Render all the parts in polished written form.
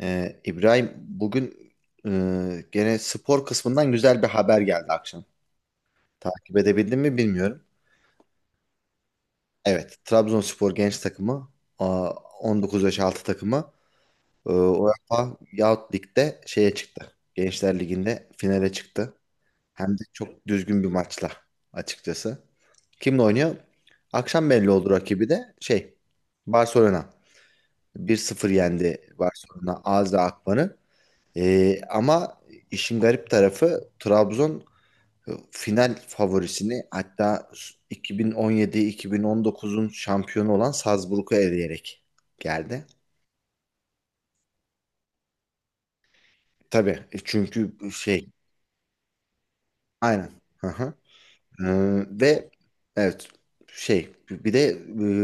İbrahim bugün gene spor kısmından güzel bir haber geldi akşam. Takip edebildin mi bilmiyorum. Evet, Trabzonspor genç takımı a, 19 yaş altı takımı UEFA Youth Lig'de şeye çıktı. Gençler Ligi'nde finale çıktı. Hem de çok düzgün bir maçla açıkçası. Kimle oynuyor? Akşam belli oldu rakibi de Barcelona. Bir sıfır yendi Barcelona Azra Akman'ı. Ama işin garip tarafı Trabzon final favorisini, hatta 2017-2019'un şampiyonu olan Salzburg'u eleyerek geldi. Tabii, çünkü aynen. Hı hı. Ve evet, bir de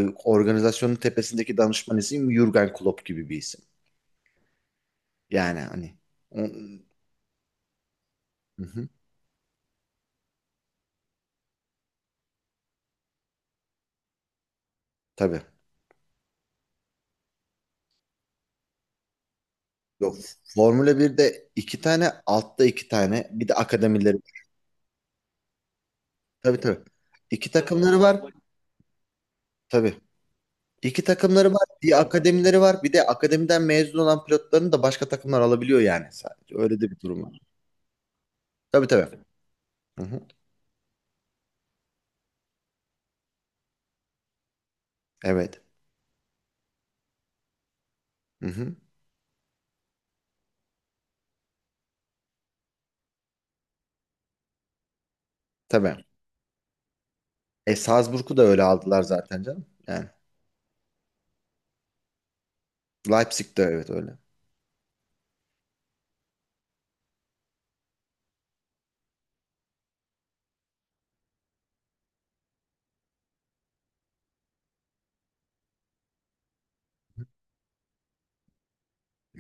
organizasyonun tepesindeki danışman isim Jürgen Klopp gibi bir isim. Yani hani o- hı hı, tabii. Yok. Formula 1'de iki tane, altta iki tane, bir de akademileri. Tabii tabii. İki takımları var. Tabii. İki takımları var. Bir akademileri var. Bir de akademiden mezun olan pilotlarını da başka takımlar alabiliyor yani sadece. Öyle de bir durum var. Tabii tabii. Hı hı. Evet. Hı hı. Tabii. E, Salzburg'u da öyle aldılar zaten canım. Yani Leipzig de evet, öyle.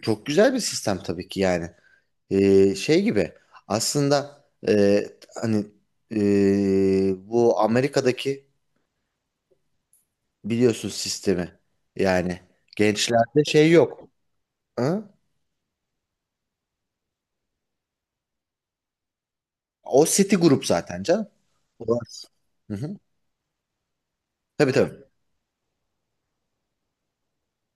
Çok güzel bir sistem tabii ki yani. Şey gibi aslında, hani, bu Amerika'daki biliyorsun sistemi. Yani gençlerde yok. Ha? O City Group zaten canım. Orası. Hı hı. Tabii tabii.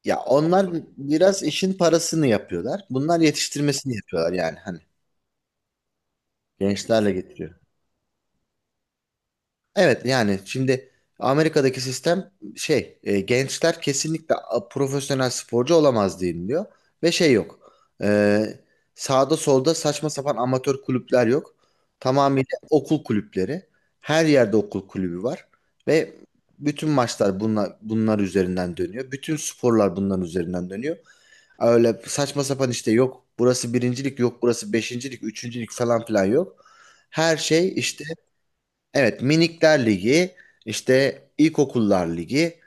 Ya onlar biraz işin parasını yapıyorlar. Bunlar yetiştirmesini yapıyorlar, yani hani gençlerle getiriyor. Evet, yani şimdi Amerika'daki sistem, gençler kesinlikle profesyonel sporcu olamaz deniliyor ve yok. E, Sağda solda saçma sapan amatör kulüpler yok. Tamamıyla okul kulüpleri. Her yerde okul kulübü var ve bütün maçlar bunlar üzerinden dönüyor. Bütün sporlar bunların üzerinden dönüyor. Öyle saçma sapan, işte yok burası birincilik, yok burası beşincilik, üçüncülük falan filan yok. Her şey işte. Evet, Minikler Ligi, işte İlkokullar Ligi,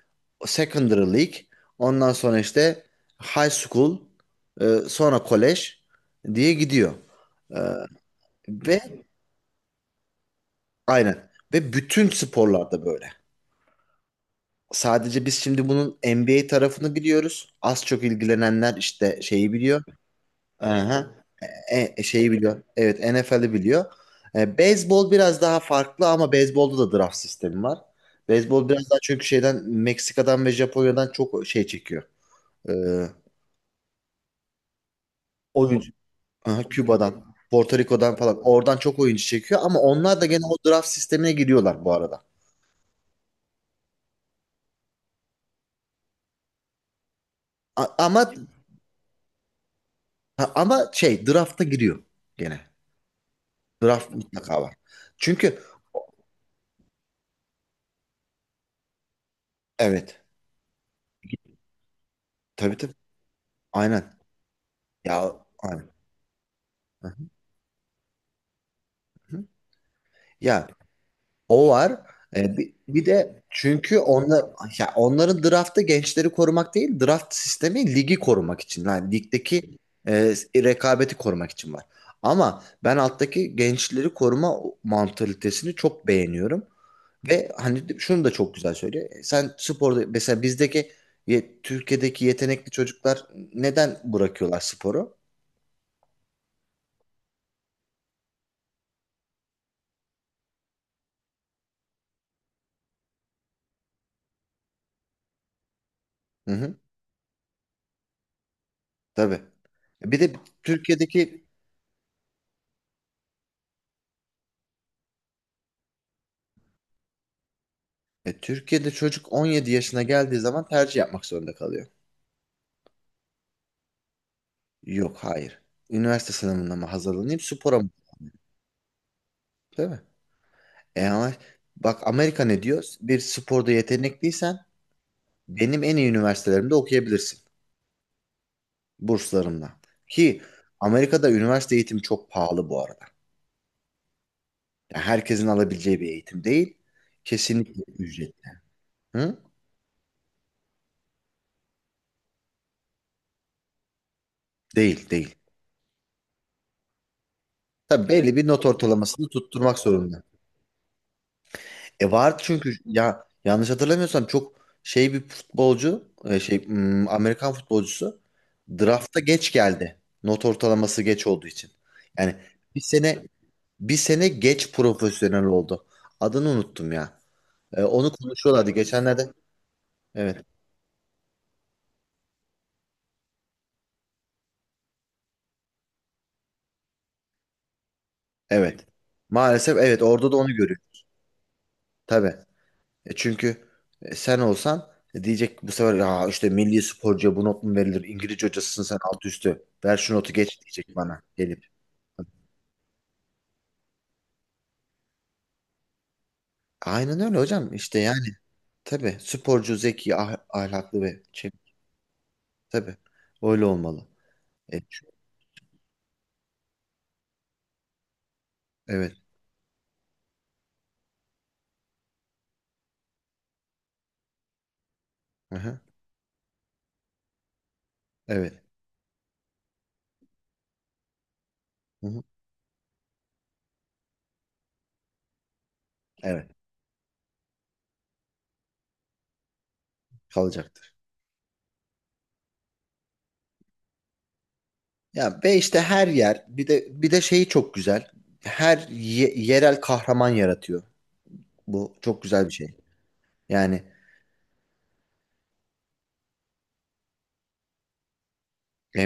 Secondary League, ondan sonra işte High School, sonra College diye gidiyor. E, Ve aynen, ve bütün sporlarda böyle. Sadece biz şimdi bunun NBA tarafını biliyoruz. Az çok ilgilenenler işte biliyor. Aha. E, e, şeyi Biliyor. Evet, NFL'i biliyor. Beyzbol biraz daha farklı ama beyzbolda da draft sistemi var. Beyzbol biraz daha çünkü Meksika'dan ve Japonya'dan çok çekiyor. E, Oyuncu. Aha, Küba'dan, Porto Rico'dan falan. Oradan çok oyuncu çekiyor ama onlar da gene o draft sistemine giriyorlar bu arada. A- ama ha, ama drafta giriyor gene. Draft mutlaka var. Çünkü evet. Tabii tabii. Aynen. Ya aynen. Hı hı. Ya, O var. Bir de çünkü onlar, ya onların draftı gençleri korumak değil, draft sistemi ligi korumak için. Yani ligdeki e, rekabeti korumak için var. Ama ben alttaki gençleri koruma mantalitesini çok beğeniyorum. Ve hani şunu da çok güzel söylüyor. Sen sporda mesela bizdeki Türkiye'deki yetenekli çocuklar neden bırakıyorlar sporu? Hı hı, tabii. Bir de Türkiye'deki Türkiye'de çocuk 17 yaşına geldiği zaman tercih yapmak zorunda kalıyor. Yok, hayır. Üniversite sınavına mı hazırlanayım, spora mı? Değil mi? Ama bak Amerika ne diyor? Bir sporda yetenekliysen benim en iyi üniversitelerimde okuyabilirsin. Burslarımla. Ki Amerika'da üniversite eğitimi çok pahalı bu arada. Yani herkesin alabileceği bir eğitim değil. Kesinlikle ücretli. Hı? Değil, değil. Tabii belli bir not ortalamasını tutturmak zorunda. E, vardı çünkü, ya yanlış hatırlamıyorsam çok bir futbolcu, Amerikan futbolcusu drafta geç geldi. Not ortalaması geç olduğu için. Yani bir sene bir sene geç profesyonel oldu. Adını unuttum ya. Onu konuşuyorlardı geçenlerde. Evet. Evet. Maalesef evet, orada da onu görüyor. Tabii. Çünkü sen olsan, diyecek bu sefer, ya işte milli sporcuya bu not mu verilir? İngilizce hocasısın sen alt üstü. Ver şu notu geç diyecek bana gelip. Aynen öyle hocam. İşte yani tabii sporcu, zeki, ahlaklı ve tabii öyle olmalı. Evet evet. Aha, evet. Hı-hı. Evet. Kalacaktır. Ya, ve işte her yer, bir de şeyi çok güzel. Yerel kahraman yaratıyor. Bu çok güzel bir şey. Yani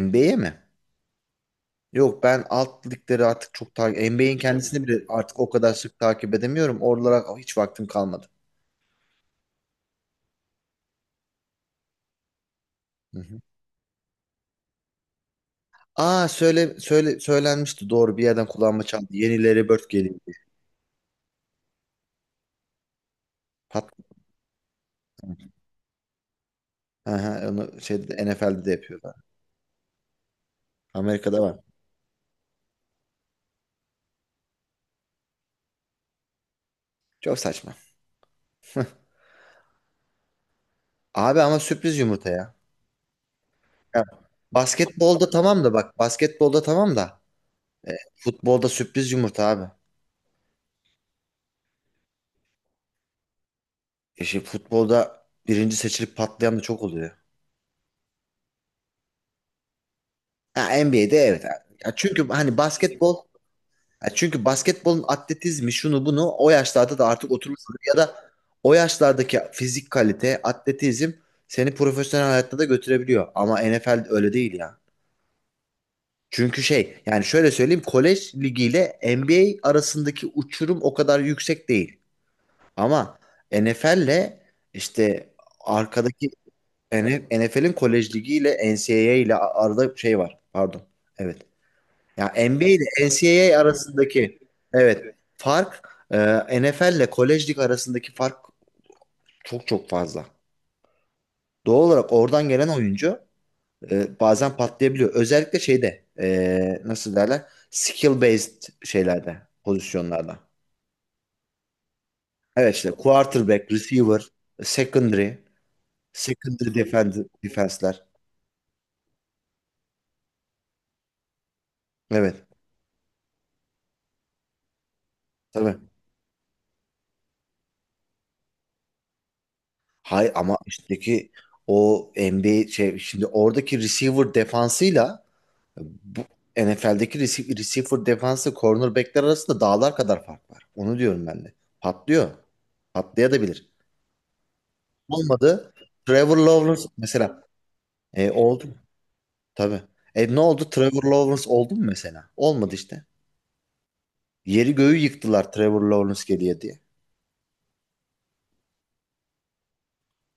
NBA'ye mi? Yok, ben alt ligleri artık çok takip NBA'in kendisini bile artık o kadar sık takip edemiyorum. Oralara hiç vaktim kalmadı. Aa, söylenmişti, doğru, bir yerden kulağıma çaldı. Yeni Larry Bird geliyor diye. Pat. Aha, onu şeyde de, NFL'de de yapıyorlar. Amerika'da var. Çok saçma. Abi ama sürpriz yumurta ya. Ya, basketbolda tamam da futbolda sürpriz yumurta abi. Futbolda birinci seçilip patlayan da çok oluyor. Ha, NBA'de evet. Ya çünkü hani basketbol Ya çünkü basketbolun atletizmi şunu bunu o yaşlarda da artık oturmuş oluyor. Ya da o yaşlardaki fizik kalite, atletizm seni profesyonel hayatta da götürebiliyor. Ama NFL öyle değil ya. Çünkü yani şöyle söyleyeyim, kolej ligiyle NBA arasındaki uçurum o kadar yüksek değil. Ama NFL'le işte arkadaki NFL'in kolej ligiyle NCAA ile arada var. Pardon. Evet. Ya NBA ile NCAA arasındaki evet fark, NFL ile Kolej Lig arasındaki fark çok fazla. Doğal olarak oradan gelen oyuncu bazen patlayabiliyor. Özellikle nasıl derler? Skill based şeylerde, pozisyonlarda. Evet işte quarterback, receiver, secondary, secondary defend, defense'ler. Evet. Tabii. Hay, ama üstteki o NBA şey şimdi oradaki receiver defansıyla, Bu NFL'deki receiver defansı cornerbackler arasında dağlar kadar fark var. Onu diyorum ben de. Patlıyor. Patlayabilir. Olmadı. Trevor Lawrence mesela. E, oldu. Tabii. E, ne oldu? Trevor Lawrence oldu mu mesela? Olmadı işte. Yeri göğü yıktılar Trevor Lawrence geliyor diye.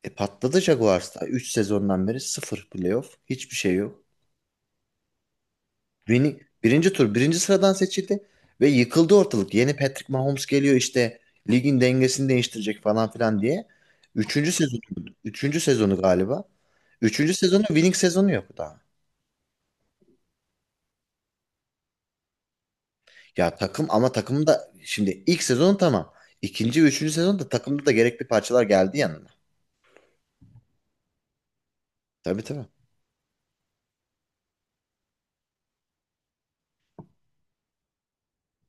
E, patladı Jaguars'ta. 3 sezondan beri sıfır playoff. Hiçbir şey yok. Beni, birinci tur birinci sıradan seçildi ve yıkıldı ortalık. Yeni Patrick Mahomes geliyor işte, ligin dengesini değiştirecek falan filan diye. Üçüncü sezonu, üçüncü sezonu galiba. Üçüncü sezonu, winning sezonu yok daha. Ya takım, ama takım da şimdi ilk sezon tamam. İkinci ve üçüncü sezonda takımda da gerekli parçalar geldi yanına. Tabii tabii.